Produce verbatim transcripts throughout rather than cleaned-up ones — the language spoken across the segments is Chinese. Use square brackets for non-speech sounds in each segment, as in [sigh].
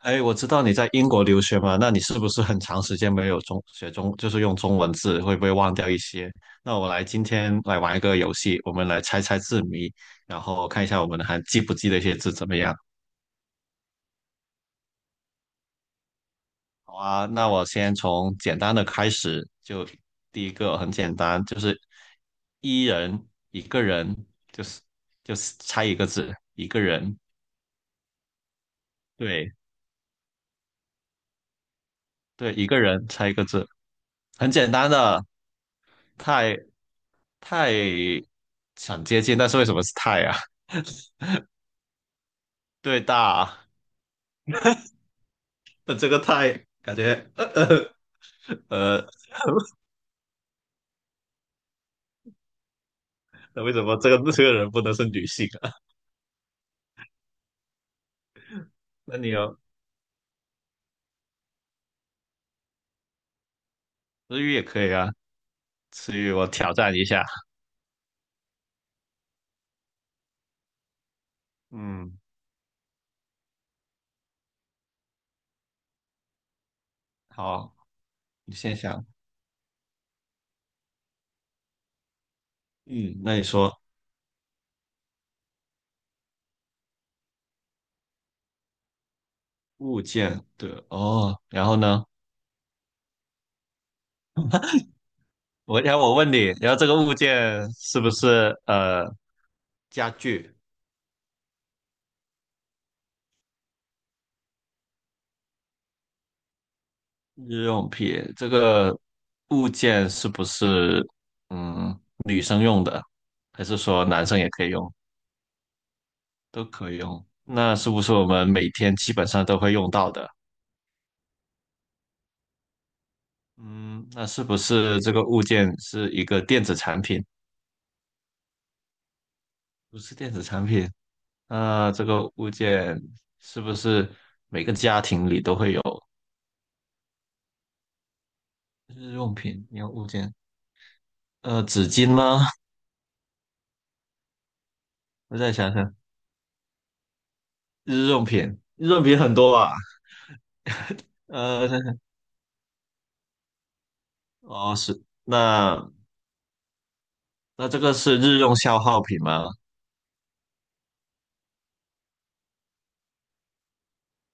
哎，我知道你在英国留学嘛，那你是不是很长时间没有中学中，就是用中文字，会不会忘掉一些？那我来今天来玩一个游戏，我们来猜猜字谜，然后看一下我们还记不记得一些字怎么样？好啊，那我先从简单的开始，就第一个很简单，就是一人一个人，就是就是猜一个字，一个人，对对，一个人猜一个字，很简单的，太，太，想接近，但是为什么是太啊？[laughs] 对大，那这个太感觉呃呃呃那为什么这个这个人不能是女性啊？[laughs] 那你有日语也可以啊，词语我挑战一下。嗯，好，你先想。嗯，那你说物件的哦，然后呢？我然后我问你，然后这个物件是不是呃家具？日用品这个物件是不是嗯女生用的，还是说男生也可以用，都可以用？那是不是我们每天基本上都会用到的？嗯，那是不是这个物件是一个电子产品？不是电子产品，那这个物件是不是每个家庭里都会有日用品？你有物件，呃，纸巾吗？我再想想，日用品，日用品很多吧？呃，哦，是，那那这个是日用消耗品吗？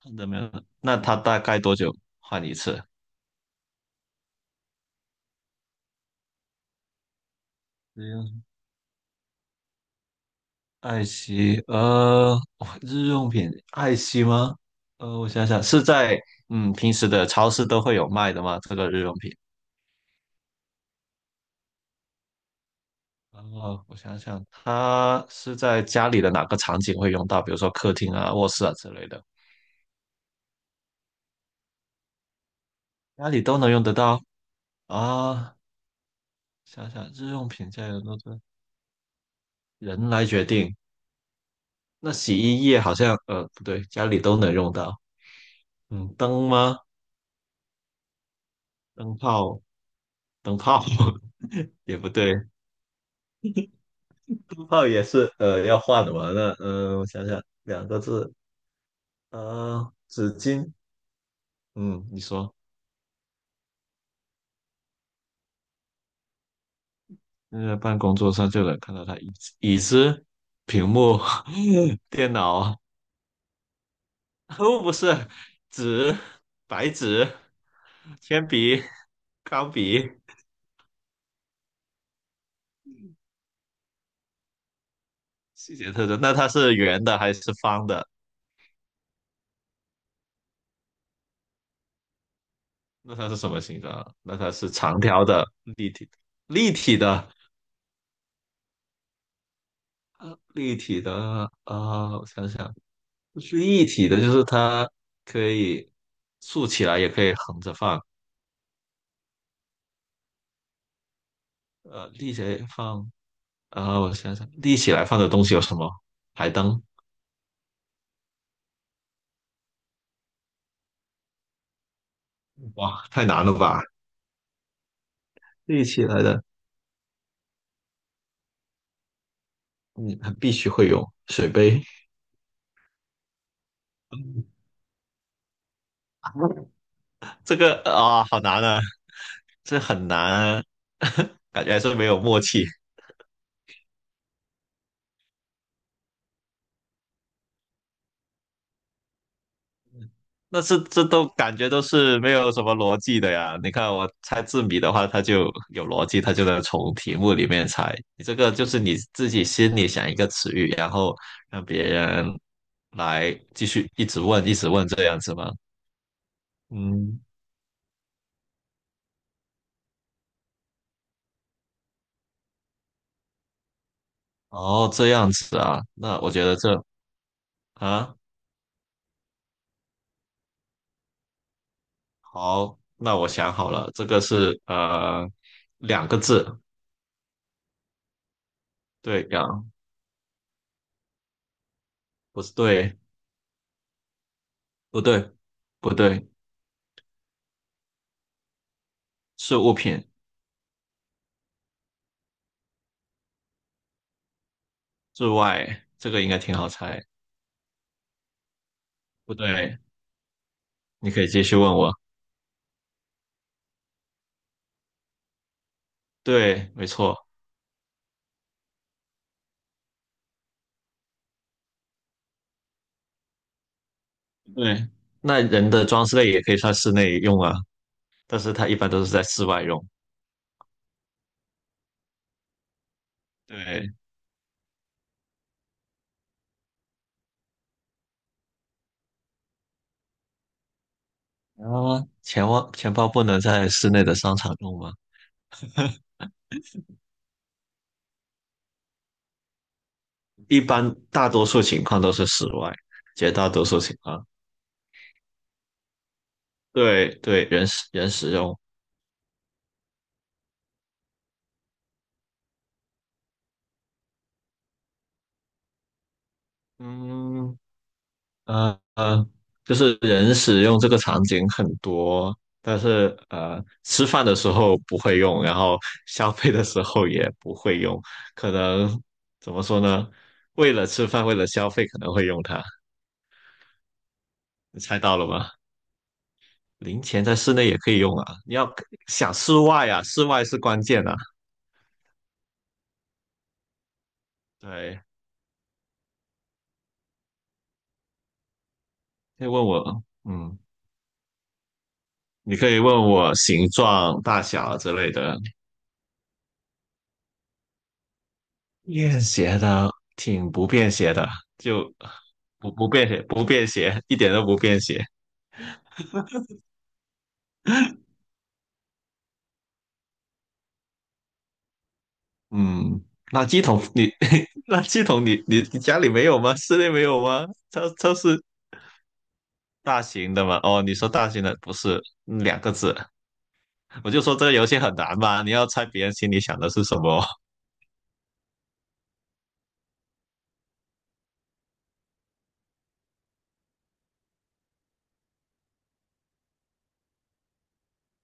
看到没有？那它大概多久换一次？日用爱惜，呃，哇日用品爱惜吗？呃，我想想，是在嗯平时的超市都会有卖的吗？这个日用品？哦，我想想，它是在家里的哪个场景会用到？比如说客厅啊、卧室啊之类的，家里都能用得到啊。想想日用品家里都是人来决定。那洗衣液好像呃不对，家里都能用到。嗯，灯吗？灯泡，灯泡 [laughs] 也不对，灯泡也是呃要换的嘛。那嗯、呃我想想，两个字，呃，纸巾。嗯，你说，现在办公桌上就能看到它椅子、椅子、屏幕、[laughs] 电脑，[laughs] 哦，不是纸、白纸、铅笔、钢笔，细节特征。那它是圆的还是方的？那它是什么形状啊那它是长条的、立体、立体的、啊，立体的啊、呃我想想，是立体的就是它可以竖起来，也可以横着放。呃，立起来放啊、呃我想想，立起来放的东西有什么？台灯？哇，太难了吧！立起来的，嗯，必须会有水杯。[laughs] 嗯这个啊、好难啊，这很难啊 [laughs] 感觉还是没有默契。那是这都感觉都是没有什么逻辑的呀。你看我猜字谜的话，它就有逻辑，它就能从题目里面猜。你这个就是你自己心里想一个词语，然后让别人来继续一直问，一直问这样子吗？嗯，哦，这样子啊。那我觉得这啊，好，那我想好了，这个是呃两个字，对呀，不是对，不对，不对，是物品之外，这个应该挺好猜。不对，你可以继续问我。对，没错，对，那人的装饰类也可以算室内用啊，但是它一般都是在室外用。对，然后钱包钱包不能在室内的商场用吗？一般大多数情况都是室外，绝大多数情况。对对，人使人使用。嗯，呃呃，就是人使用这个场景很多，但是呃，吃饭的时候不会用，然后消费的时候也不会用，可能怎么说呢？为了吃饭，为了消费可能会用它，你猜到了吗？零钱在室内也可以用啊，你要想室外啊，室外是关键啊。对，可以问我，嗯，你可以问我形状、大小之类的，便携的挺不便携的，就不不便携，不便携，一点都不便携。嗯，垃圾桶你 [laughs] 垃圾桶你你你家里没有吗？室内没有吗？超超市大型的吗？哦，你说大型的不是嗯两个字，我就说这个游戏很难吧？你要猜别人心里想的是什么。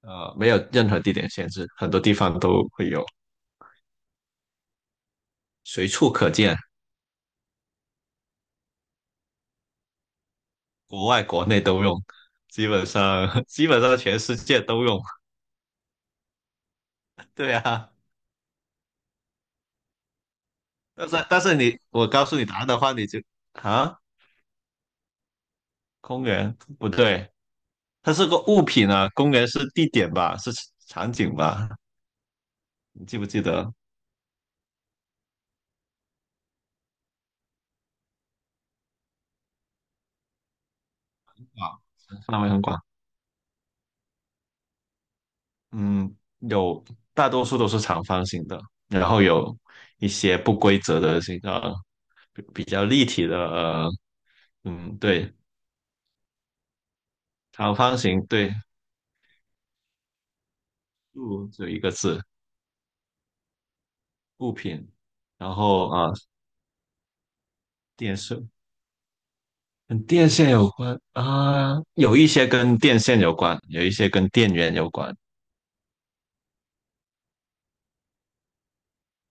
呃，没有任何地点限制，很多地方都会有，随处可见，国外国内都用，基本上 [laughs] 基本上全世界都用。[laughs] 对啊。但是但是你，我告诉你答案的话，你就啊，公园不对，它是个物品啊，公园是地点吧，是场景吧？你记不记得？啊，范围很广，嗯，有大多数都是长方形的，然后有一些不规则的形状，比比较立体的，呃，嗯，对，长方形，对，物只有一个字，物品，然后啊，电视跟电线有关啊，有一些跟电线有关，有一些跟电源有关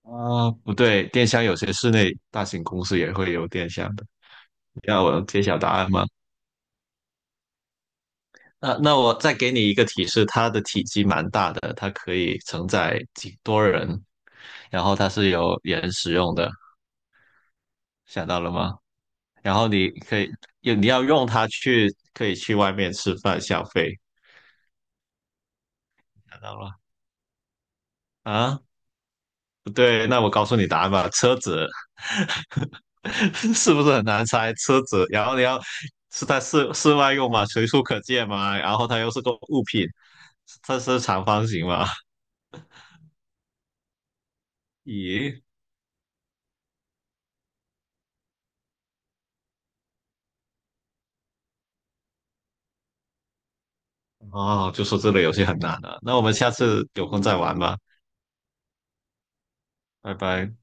啊。不对，电箱有些室内大型公司也会有电箱的。你要我揭晓答案吗？那那我再给你一个提示，它的体积蛮大的，它可以承载几多人，然后它是有人使用的，想到了吗？然后你可以，你要用它去，可以去外面吃饭消费，想到了吗啊？不对，那我告诉你答案吧，车子 [laughs] 是不是很难猜？车子，然后你要是在室室外用嘛，随处可见嘛，然后它又是个物品，它是长方形嘛？咦，哦，就说这个游戏很难了，那我们下次有空再玩吧，拜拜。